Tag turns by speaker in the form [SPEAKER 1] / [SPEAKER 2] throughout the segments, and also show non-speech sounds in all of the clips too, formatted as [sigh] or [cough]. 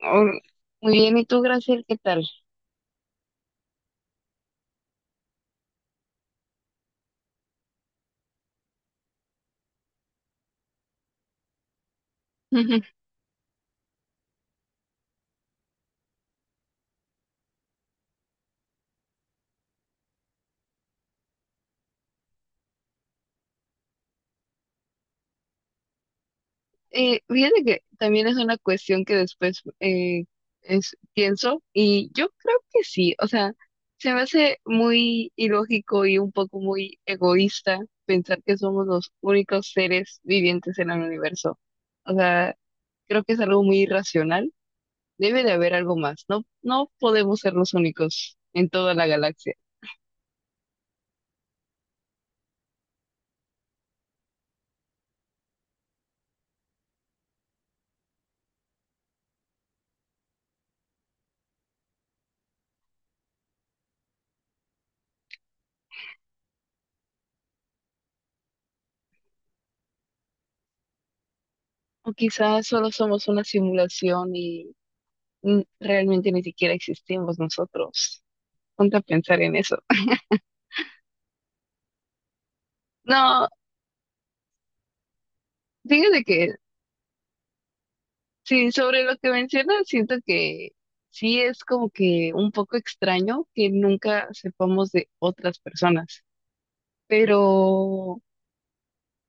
[SPEAKER 1] Or- Muy bien, ¿y tú, Graciel, qué tal? Ujú. Fíjate que también es una cuestión que después pienso y yo creo que sí. O sea, se me hace muy ilógico y un poco muy egoísta pensar que somos los únicos seres vivientes en el universo. O sea, creo que es algo muy irracional. Debe de haber algo más. No, no podemos ser los únicos en toda la galaxia. O quizás solo somos una simulación, realmente ni siquiera existimos nosotros. Ponte a pensar en eso. No, fíjate que sí, sobre lo que mencionas, siento que sí es como que un poco extraño que nunca sepamos de otras personas, pero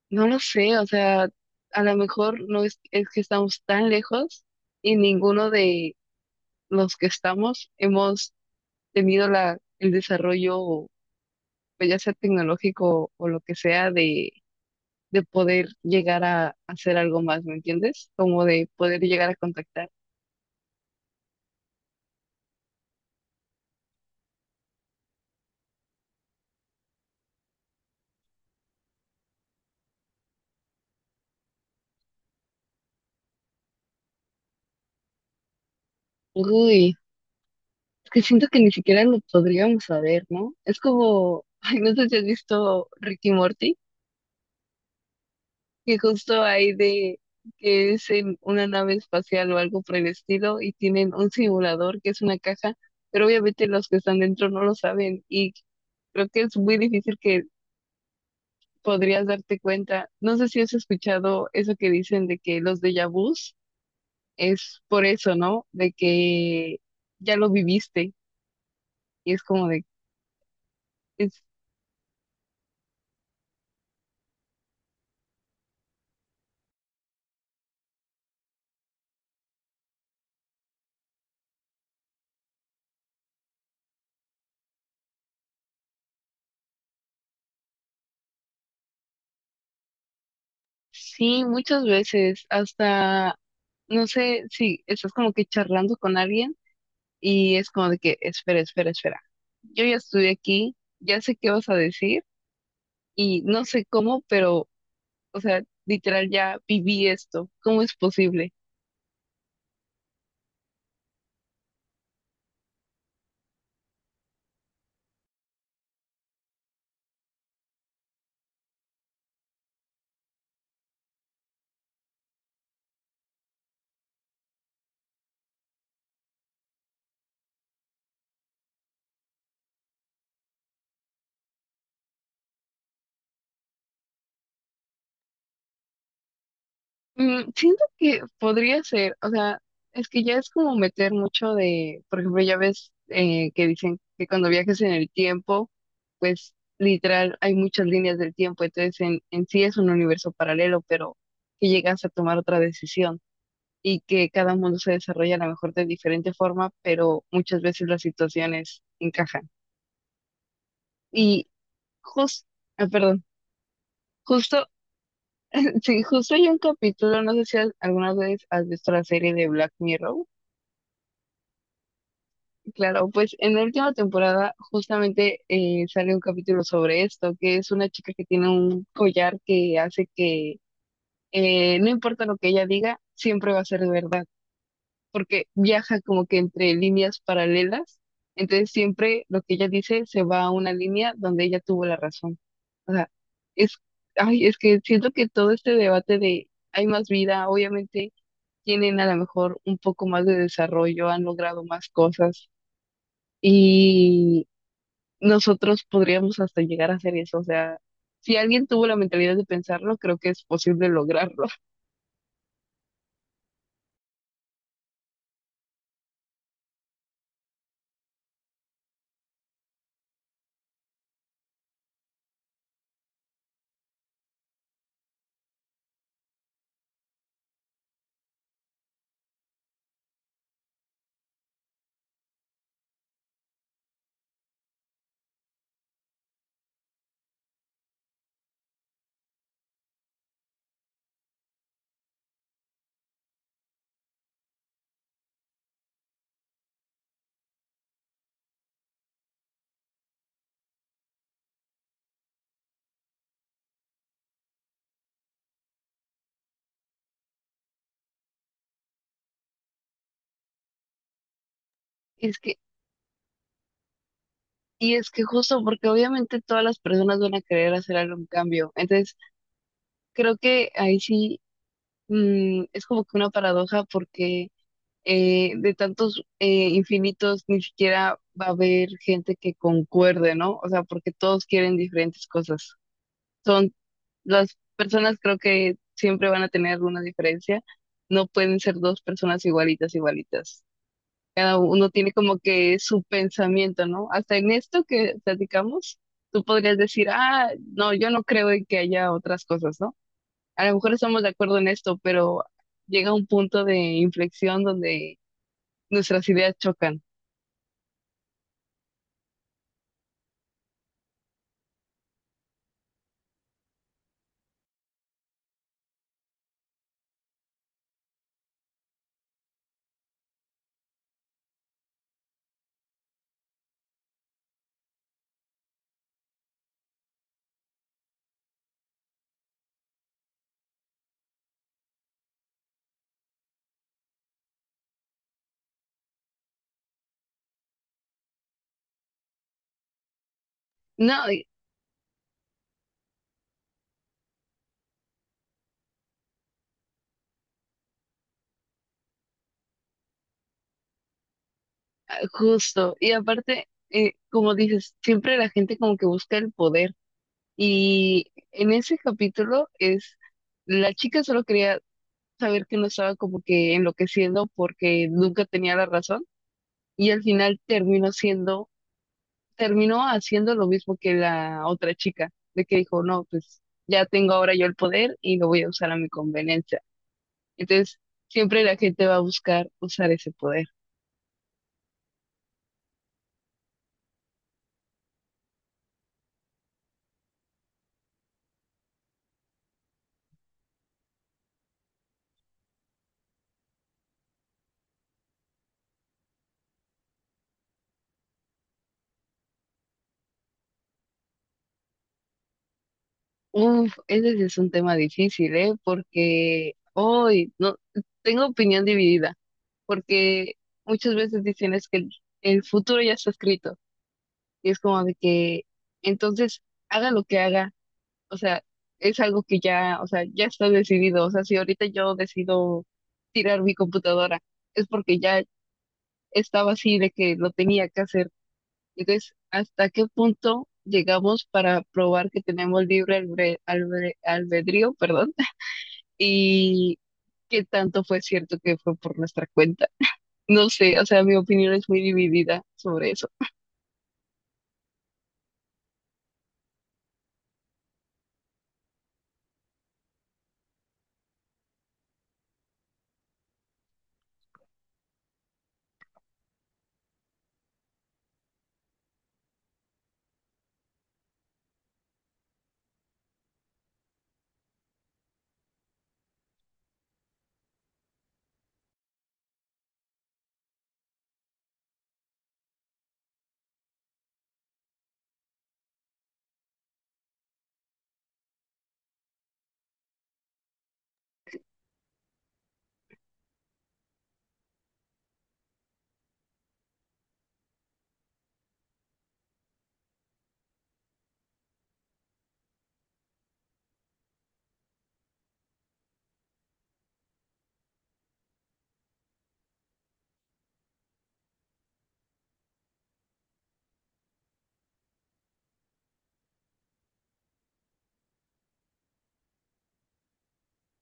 [SPEAKER 1] no lo sé. O sea, a lo mejor no es, es que estamos tan lejos y ninguno de los que estamos hemos tenido la, el desarrollo, pues ya sea tecnológico o lo que sea, de poder llegar a hacer algo más, ¿me entiendes? Como de poder llegar a contactar. Uy, es que siento que ni siquiera lo podríamos saber, ¿no? Es como, [laughs] ay, no sé si has visto Ricky Morty, que justo hay de que es en una nave espacial o algo por el estilo y tienen un simulador que es una caja, pero obviamente los que están dentro no lo saben y creo que es muy difícil que podrías darte cuenta. No sé si has escuchado eso que dicen de que los déjà vu es por eso, ¿no? De que ya lo viviste y es como de, es- sí, muchas veces hasta, no sé, si estás como que charlando con alguien y es como de que, espera, espera, espera, yo ya estuve aquí, ya sé qué vas a decir y no sé cómo, pero, o sea, literal ya viví esto, ¿cómo es posible? Mm, siento que podría ser. O sea, es que ya es como meter mucho de, por ejemplo, ya ves que dicen que cuando viajes en el tiempo, pues literal hay muchas líneas del tiempo, entonces en sí es un universo paralelo, pero que llegas a tomar otra decisión y que cada mundo se desarrolla a lo mejor de diferente forma, pero muchas veces las situaciones encajan. Y justo, perdón, justo, [laughs] sí, justo hay un capítulo, no sé si alguna vez has visto la serie de Black Mirror. Claro, pues en la última temporada justamente sale un capítulo sobre esto, que es una chica que tiene un collar que hace que no importa lo que ella diga, siempre va a ser verdad, porque viaja como que entre líneas paralelas, entonces siempre lo que ella dice se va a una línea donde ella tuvo la razón. O sea, es, ay, es que siento que todo este debate de hay más vida, obviamente tienen a lo mejor un poco más de desarrollo, han logrado más cosas, nosotros podríamos hasta llegar a hacer eso. O sea, si alguien tuvo la mentalidad de pensarlo, creo que es posible lograrlo. [laughs] Es que, y es que justo porque obviamente todas las personas van a querer hacer algún cambio. Entonces, creo que ahí sí, es como que una paradoja porque de tantos infinitos ni siquiera va a haber gente que concuerde, ¿no? O sea, porque todos quieren diferentes cosas. Son, las personas creo que siempre van a tener una diferencia. No pueden ser dos personas igualitas, igualitas. Cada uno tiene como que su pensamiento, ¿no? Hasta en esto que platicamos, tú podrías decir, ah, no, yo no creo en que haya otras cosas, ¿no? A lo mejor estamos de acuerdo en esto, pero llega un punto de inflexión donde nuestras ideas chocan. No, y- ah, justo. Y aparte, como dices, siempre la gente como que busca el poder. Y en ese capítulo es, la chica solo quería saber que no estaba como que enloqueciendo porque nunca tenía la razón y al final terminó siendo, terminó haciendo lo mismo que la otra chica, de que dijo, no, pues ya tengo ahora yo el poder y lo voy a usar a mi conveniencia. Entonces, siempre la gente va a buscar usar ese poder. Uf, ese sí es un tema difícil, ¿eh? Porque hoy no, tengo opinión dividida, porque muchas veces dicen es que el futuro ya está escrito y es como de que entonces haga lo que haga, o sea, es algo que ya, o sea, ya está decidido. O sea, si ahorita yo decido tirar mi computadora, es porque ya estaba así de que lo tenía que hacer. Entonces, ¿hasta qué punto llegamos para probar que tenemos libre albedrío, perdón? [laughs] Y ¿qué tanto fue cierto que fue por nuestra cuenta? No sé, o sea, mi opinión es muy dividida sobre eso,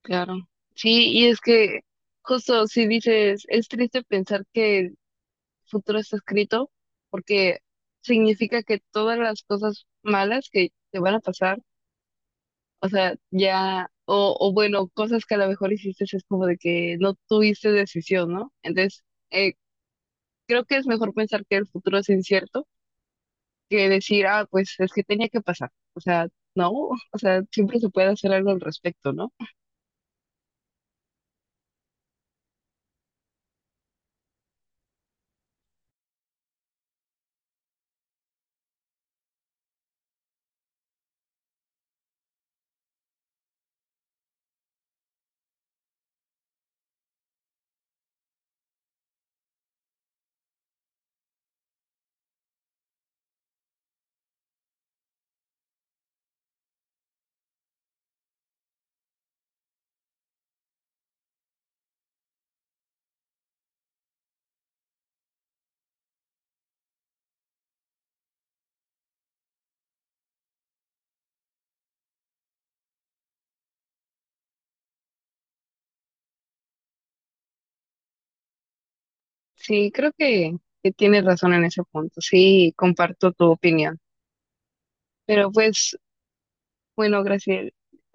[SPEAKER 1] claro. Sí, y es que justo si dices, es triste pensar que el futuro está escrito, porque significa que todas las cosas malas que te van a pasar, o sea, ya, o bueno, cosas que a lo mejor hiciste es como de que no tuviste decisión, ¿no? Entonces, eh, creo que es mejor pensar que el futuro es incierto que decir, ah, pues es que tenía que pasar. O sea, no, o sea, siempre se puede hacer algo al respecto, ¿no? Sí, creo que tienes razón en ese punto. Sí, comparto tu opinión. Pero pues, bueno, Graciela,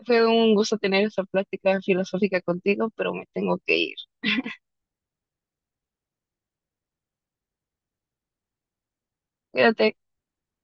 [SPEAKER 1] fue un gusto tener esta plática filosófica contigo, pero me tengo que ir. Cuídate.